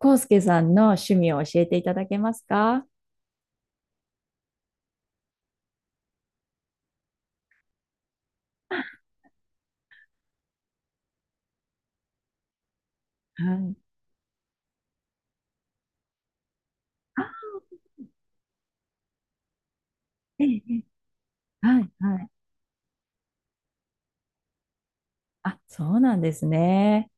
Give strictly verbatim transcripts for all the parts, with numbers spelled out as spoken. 康介さんの趣味を教えていただけますか？はい。あ、ええ、ええ、はい、はい。あ、そうなんですね。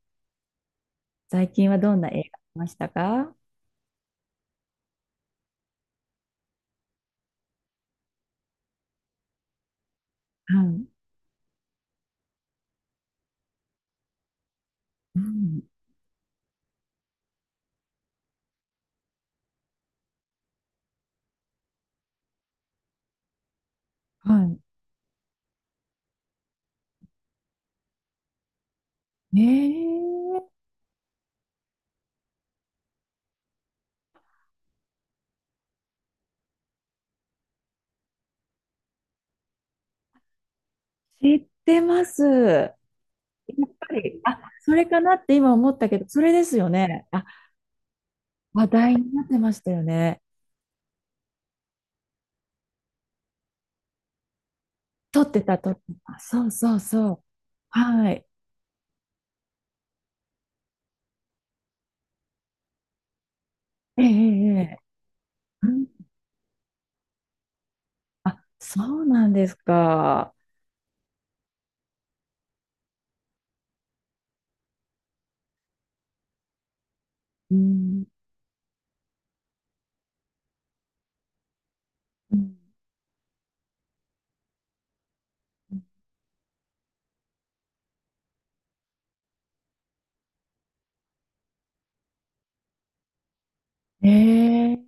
最近はどんな映画見ましたか？はい。うん。はい。ねえ、知ってます。やっぱり、あ、それかなって今思ったけど、それですよね。あ、話題になってましたよね。撮ってた、撮ってた。そうそうそう。はい。ええ、ええ、ええ、うん、あ、そうなんですか。うん。うん、ええ、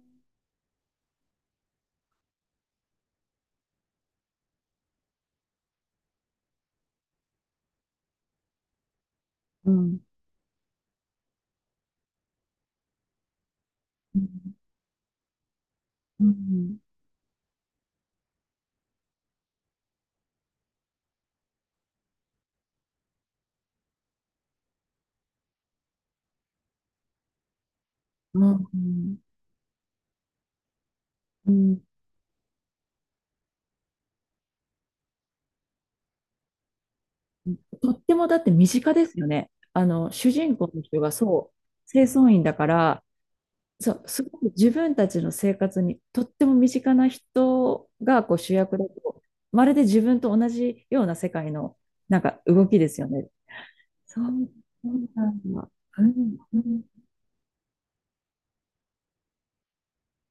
うん。うん。うん。うん。うん、とってもだって身近ですよね。あの、主人公の人がそう、清掃員だから、そう、すごく自分たちの生活にとっても身近な人がこう主役だと、まるで自分と同じような世界のなんか動きですよね。そう、そうなんだ。うん、うん。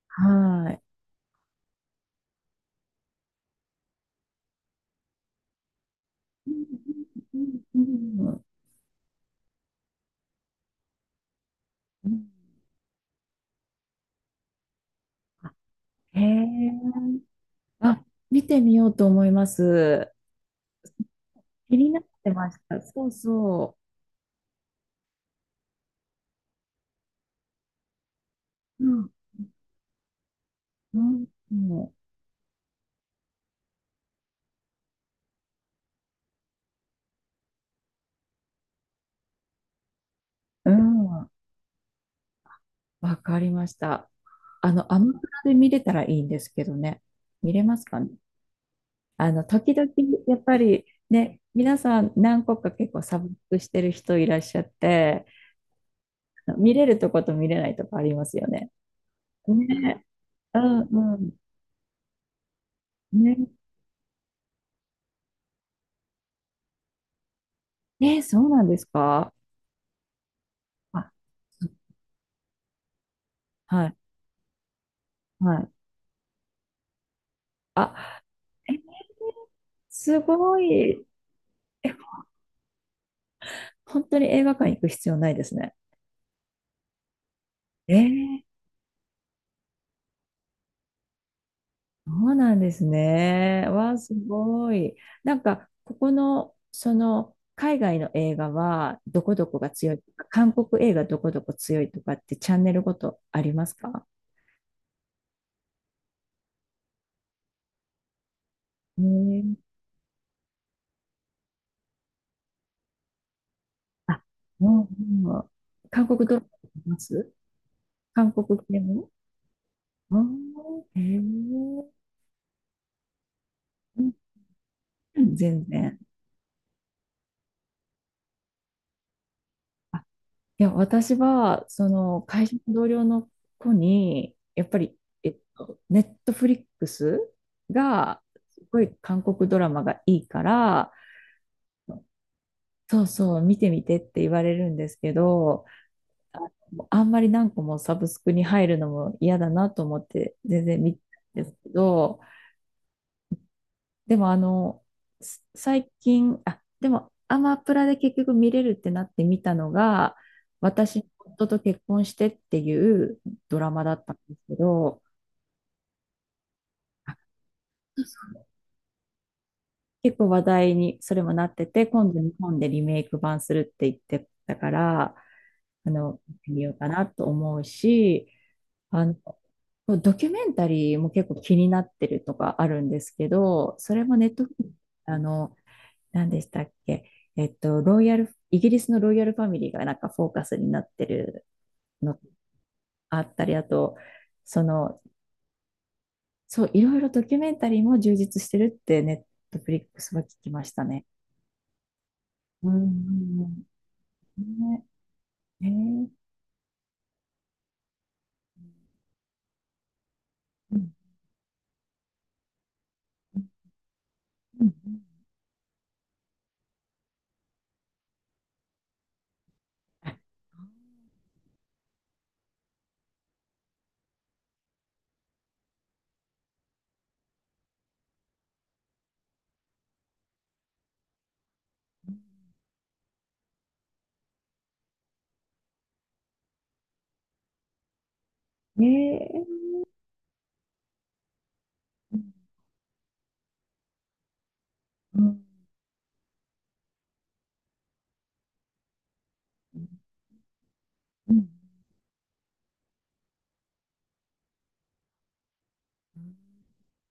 はい。うん、うん、うん、うん。うん、あ、へえ。あ、見てみようと思います。気になってました。そうそう。うん。うん。うん。わかりました。あの、アマプラで見れたらいいんですけどね。見れますかね。あの、時々、やっぱりね、皆さん何個か結構サブスクしてる人いらっしゃって、見れるとこと見れないとこありますよね。ね。うん、うん。ね。え、そうなんですか？あ、はい、はい。あ、え、すごい。え、本当に映画館行く必要ないですね。えー、そうなんですね。わあ、すごい。なんか、ここの、その、海外の映画は、どこどこが強いとか、韓国映画どこどこ強いとかってチャンネルごとありますか？えー、あ、も、うん、うん、韓国ドラマ見ます？韓国系も？あん、えー、うん、全然。いや、私は、その、会社の同僚の子に、やっぱり、えっと、ネットフリックスが、すごい韓国ドラマがいいから、そうそう、見てみてって言われるんですけど、あ、あんまり何個もサブスクに入るのも嫌だなと思って、全然見てたんですけど、でもあの、す最近、あ、でもアマプラで結局見れるってなって見たのが、私の夫と結婚してっていうドラマだったんですけど、結構話題にそれもなってて、今度日本でリメイク版するって言ってたから、あの、見てみようかなと思うし、あの、ドキュメンタリーも結構気になってるとかあるんですけど、それもネットフリ、あの、何でしたっけ？えっと、ロイヤル、イギリスのロイヤルファミリーがなんかフォーカスになってるのあったり、あと、その、そう、いろいろドキュメンタリーも充実してるってネットフリックスは聞きましたね。うん。ね、えー、うん、うん。あ、えー、うん。うん。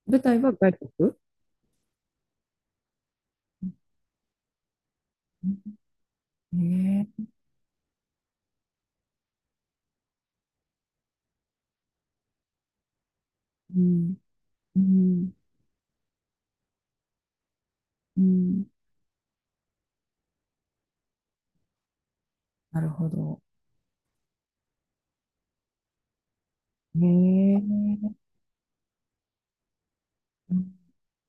舞台は外国？ん。えー、うん。うん。うん。なるほど。ね、えー。うん、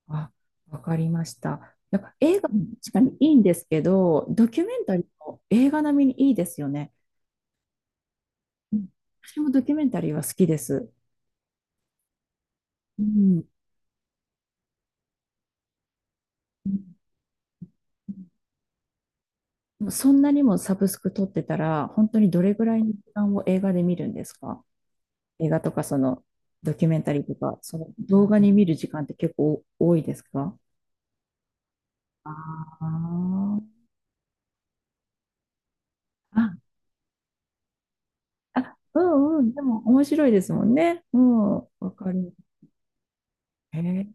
あ、わかりました。やっぱ映画も確かにいいんですけど、ドキュメンタリーも映画並みにいいですよね。うん、私もドキュメンタリーは好きです。うん、そんなにもサブスク撮ってたら、本当にどれぐらいの時間を映画で見るんですか？映画とかそのドキュメンタリーとか、その動画に見る時間って結構多いですか？あーあ、あ、うん、うん、でも面白いですもんね。うん、わかる。へえ。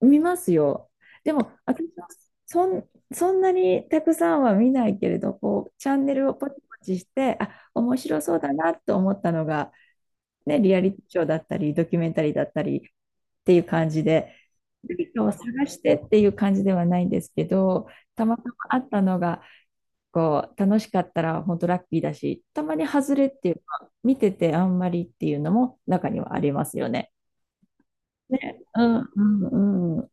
見ますよ。でも、私はそん、そんなにたくさんは見ないけれど、こう、チャンネルをポチポチして、あ、面白そうだなと思ったのが、ね、リアリティショーだったり、ドキュメンタリーだったりっていう感じで、何かを探してっていう感じではないんですけど、たまたまあったのが、こう、楽しかったら本当ラッキーだし、たまに外れっていうか、見ててあんまりっていうのも中にはありますよね。ね、うん、うん、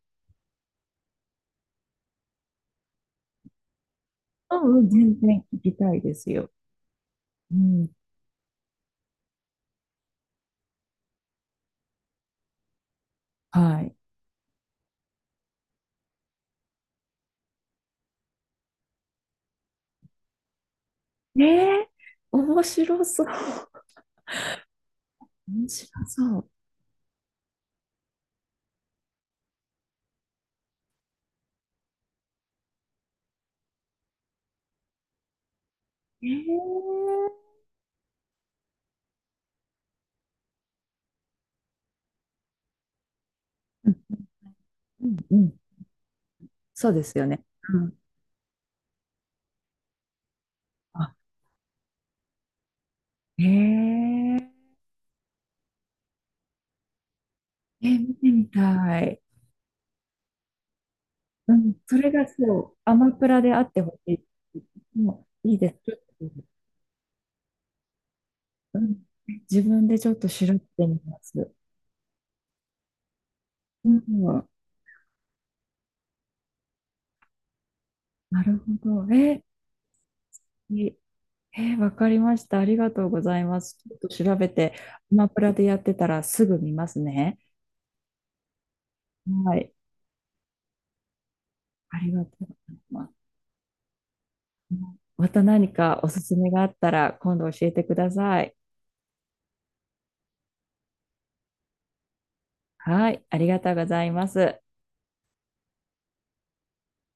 うん、うん、全然聞きたいですよ。うん、はい。ええ、面白そう。面白そう。ええ、うん、うん、うん。そうですよね。うん。あ、えええ、見てみたい。うん、それがそう、アマプラであってほしい。もういいです。ちょっと、うん、自分でちょっと調べてみます。うん、なるほど。え、いい、えー、わかりました。ありがとうございます。ちょっと調べて、アマプラでやってたらすぐ見ますね。はい。ありがとうございます。また何かおすすめがあったら今度教えてください。はい。ありがとうございます。